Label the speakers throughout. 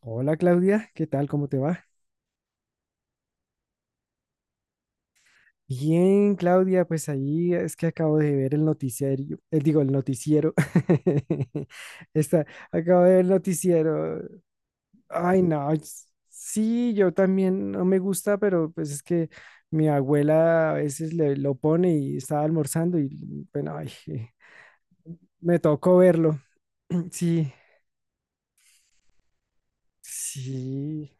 Speaker 1: Hola Claudia, ¿qué tal? ¿Cómo te va? Bien, Claudia, pues ahí es que acabo de ver el noticiario, digo, el noticiero. Está, acabo de ver el noticiero. Ay, no, sí, yo también no me gusta, pero pues es que mi abuela a veces lo pone y estaba almorzando y bueno, ay, me tocó verlo. Sí, sí.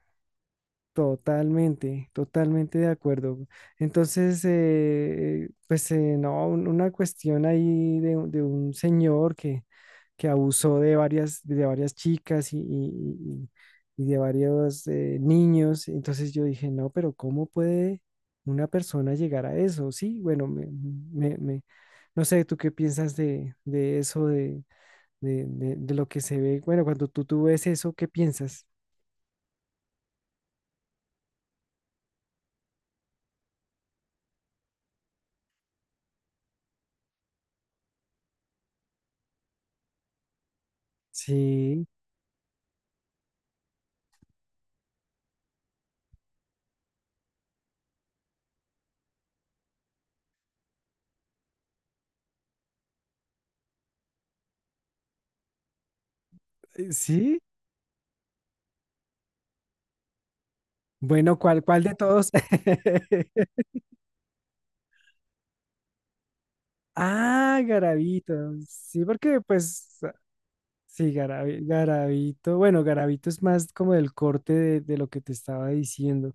Speaker 1: Totalmente, totalmente de acuerdo. Entonces, pues no, una cuestión ahí de, un señor que, que abusó de varias chicas y, y de varios niños. Entonces yo dije, no, pero ¿cómo puede una persona llegar a eso? Sí, bueno, me- me- no sé, ¿tú qué piensas de eso, de lo que se ve? Bueno, cuando tú ves eso, ¿qué piensas? Sí, sí. Bueno, ¿cuál, cuál de todos? Ah, Garabito. Sí, porque pues, sí, Garabito. Bueno, Garabito es más como del corte de lo que te estaba diciendo.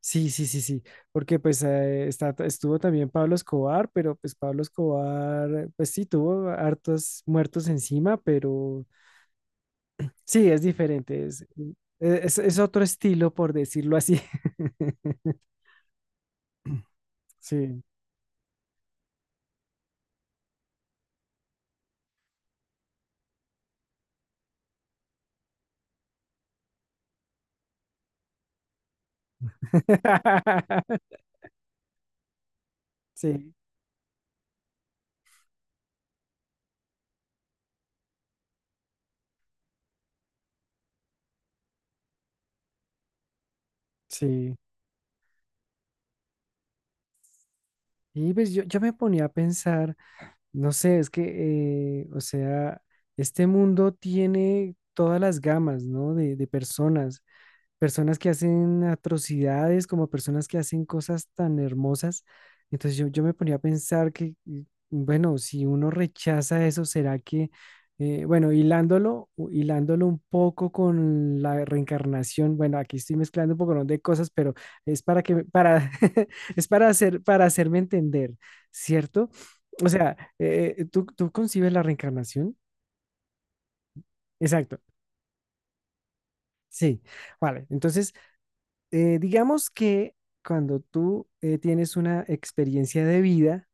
Speaker 1: Sí, sí, sí, sí. Porque pues está, estuvo también Pablo Escobar, pero pues Pablo Escobar, pues sí, tuvo hartos muertos encima, pero sí, es diferente. Es otro estilo, por decirlo así. Sí. Sí, sí. Y pues yo me ponía a pensar, no sé, es que, o sea, este mundo tiene todas las gamas, ¿no? De, personas que hacen atrocidades, como personas que hacen cosas tan hermosas. Entonces yo me ponía a pensar que, bueno, si uno rechaza eso, ¿será que, bueno, hilándolo, hilándolo un poco con la reencarnación, bueno, aquí estoy mezclando un poco, ¿no?, de cosas, pero es para que, para, es para hacer, para hacerme entender, ¿cierto? O sea, ¿tú, tú concibes la reencarnación? Exacto, sí. Vale, entonces digamos que cuando tú tienes una experiencia de vida,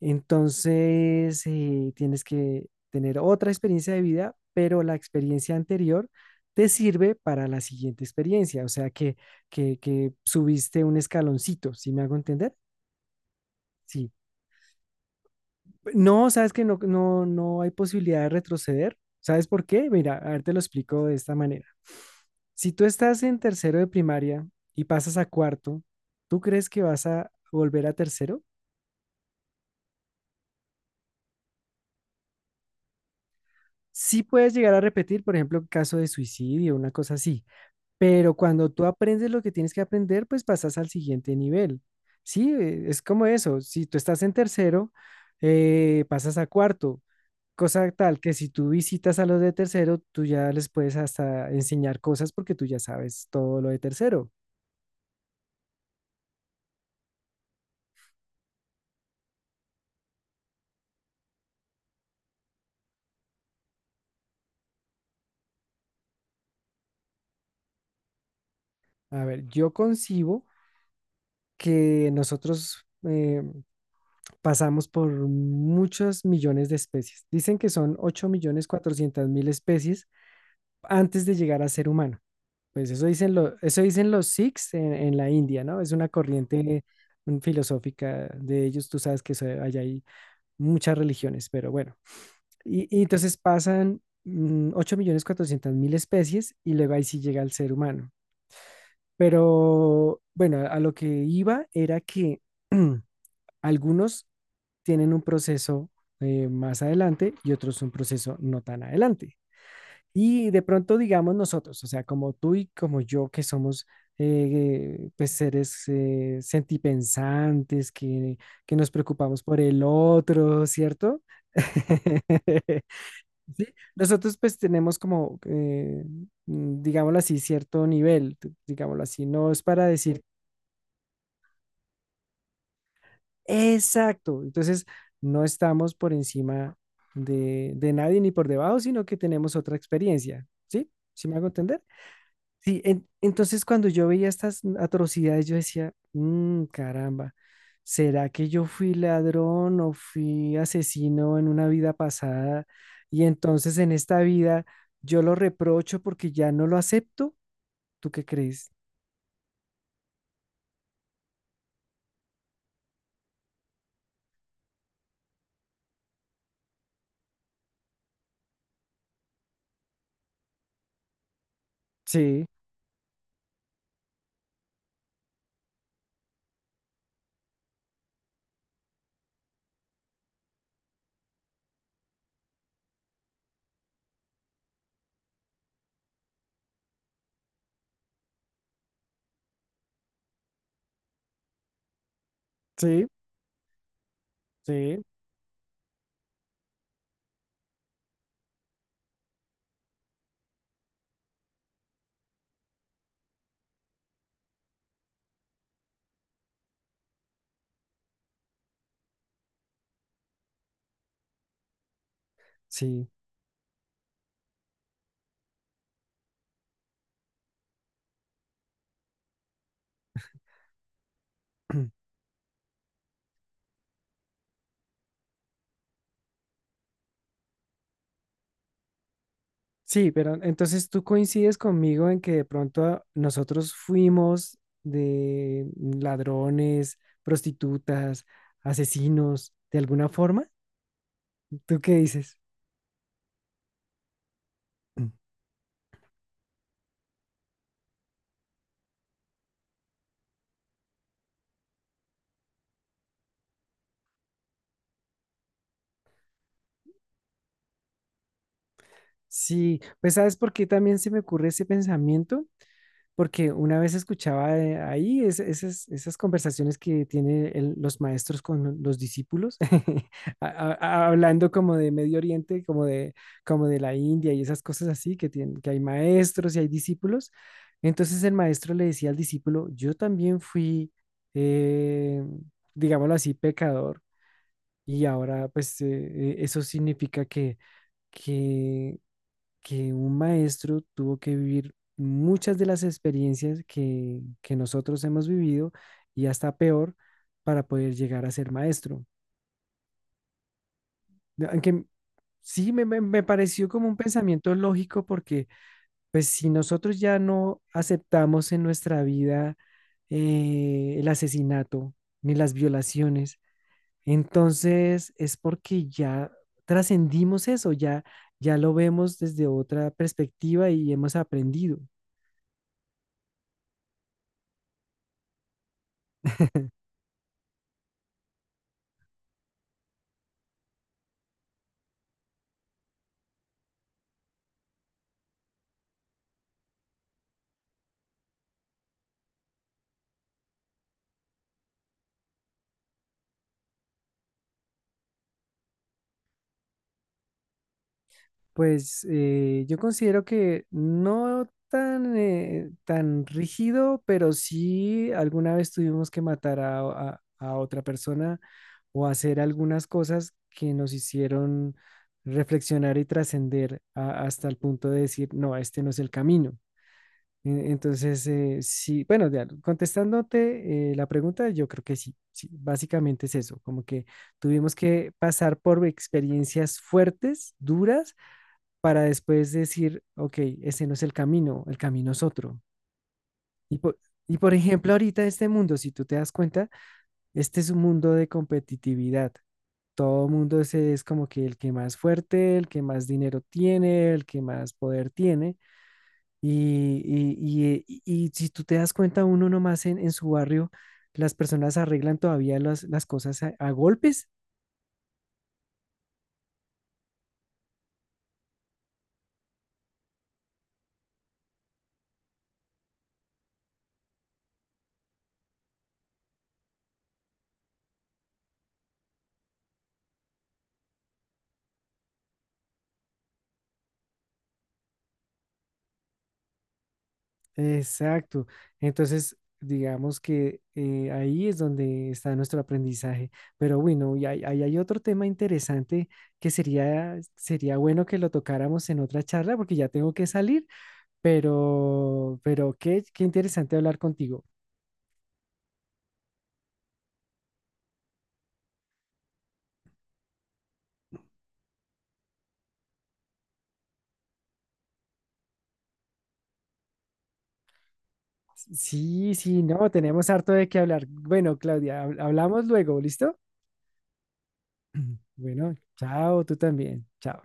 Speaker 1: entonces tienes que tener otra experiencia de vida, pero la experiencia anterior te sirve para la siguiente experiencia, o sea que, que subiste un escaloncito, ¿sí me hago entender? Sí. No, sabes que no, no, no hay posibilidad de retroceder. ¿Sabes por qué? Mira, a ver, te lo explico de esta manera. Si tú estás en tercero de primaria y pasas a cuarto, ¿tú crees que vas a volver a tercero? Sí puedes llegar a repetir, por ejemplo, caso de suicidio, una cosa así, pero cuando tú aprendes lo que tienes que aprender, pues pasas al siguiente nivel. Sí, es como eso. Si tú estás en tercero, pasas a cuarto. Cosa tal que si tú visitas a los de tercero, tú ya les puedes hasta enseñar cosas porque tú ya sabes todo lo de tercero. A ver, yo concibo que nosotros pasamos por muchos millones de especies. Dicen que son 8.400.000 especies antes de llegar a ser humano. Pues eso dicen, eso dicen los Sikhs en la India, ¿no? Es una corriente filosófica de ellos. Tú sabes que allá hay muchas religiones, pero bueno. Y entonces pasan 8.400.000 especies y luego ahí sí llega el ser humano. Pero bueno, a lo que iba era que algunos tienen un proceso más adelante y otros un proceso no tan adelante. Y de pronto, digamos nosotros, o sea, como tú y como yo, que somos pues seres sentipensantes, que nos preocupamos por el otro, ¿cierto? Sí, nosotros pues tenemos como, digámoslo así, cierto nivel, digámoslo así, no es para decir exacto, entonces no estamos por encima de nadie ni por debajo, sino que tenemos otra experiencia, ¿sí? ¿Sí me hago entender? Sí, entonces cuando yo veía estas atrocidades, yo decía, "Mm, caramba, ¿será que yo fui ladrón o fui asesino en una vida pasada? Y entonces en esta vida yo lo reprocho porque ya no lo acepto. ¿Tú qué crees?" Sí, sí, sí, sí. Sí, pero entonces tú coincides conmigo en que de pronto nosotros fuimos de ladrones, prostitutas, asesinos, de alguna forma. ¿Tú qué dices? Mm. Sí, pues sabes por qué también se me ocurre ese pensamiento, porque una vez escuchaba ahí esas, esas conversaciones que tienen los maestros con los discípulos, hablando como de Medio Oriente, como de la India y esas cosas así, que, tienen, que hay maestros y hay discípulos. Entonces el maestro le decía al discípulo, yo también fui, eh, digámoslo así, pecador, y ahora pues eso significa que que que un maestro tuvo que vivir muchas de las experiencias que nosotros hemos vivido y hasta peor para poder llegar a ser maestro. Aunque sí me pareció como un pensamiento lógico porque pues si nosotros ya no aceptamos en nuestra vida el asesinato ni las violaciones, entonces es porque ya trascendimos eso, ya, ya lo vemos desde otra perspectiva y hemos aprendido. Pues yo considero que no tan, tan rígido, pero sí alguna vez tuvimos que matar a, a otra persona o hacer algunas cosas que nos hicieron reflexionar y trascender hasta el punto de decir, no, este no es el camino. Entonces, sí, bueno, de contestándote la pregunta, yo creo que sí, sí, básicamente es eso, como que tuvimos que pasar por experiencias fuertes, duras para después decir, ok, ese no es el camino es otro. Y por, y por ejemplo, ahorita este mundo, si tú te das cuenta, este es un mundo de competitividad. Todo mundo es como que el que más fuerte, el que más dinero tiene, el que más poder tiene. Y, y- y- y- y si tú te das cuenta, uno nomás en su barrio, las personas arreglan todavía las cosas a golpes. Exacto. Entonces, digamos que ahí es donde está nuestro aprendizaje. Pero bueno, ahí hay otro tema interesante que sería bueno que lo tocáramos en otra charla porque ya tengo que salir, pero qué, qué interesante hablar contigo. Sí, sí, no, tenemos harto de qué hablar. Bueno, Claudia, hablamos luego, ¿listo? Bueno, chao, tú también. Chao.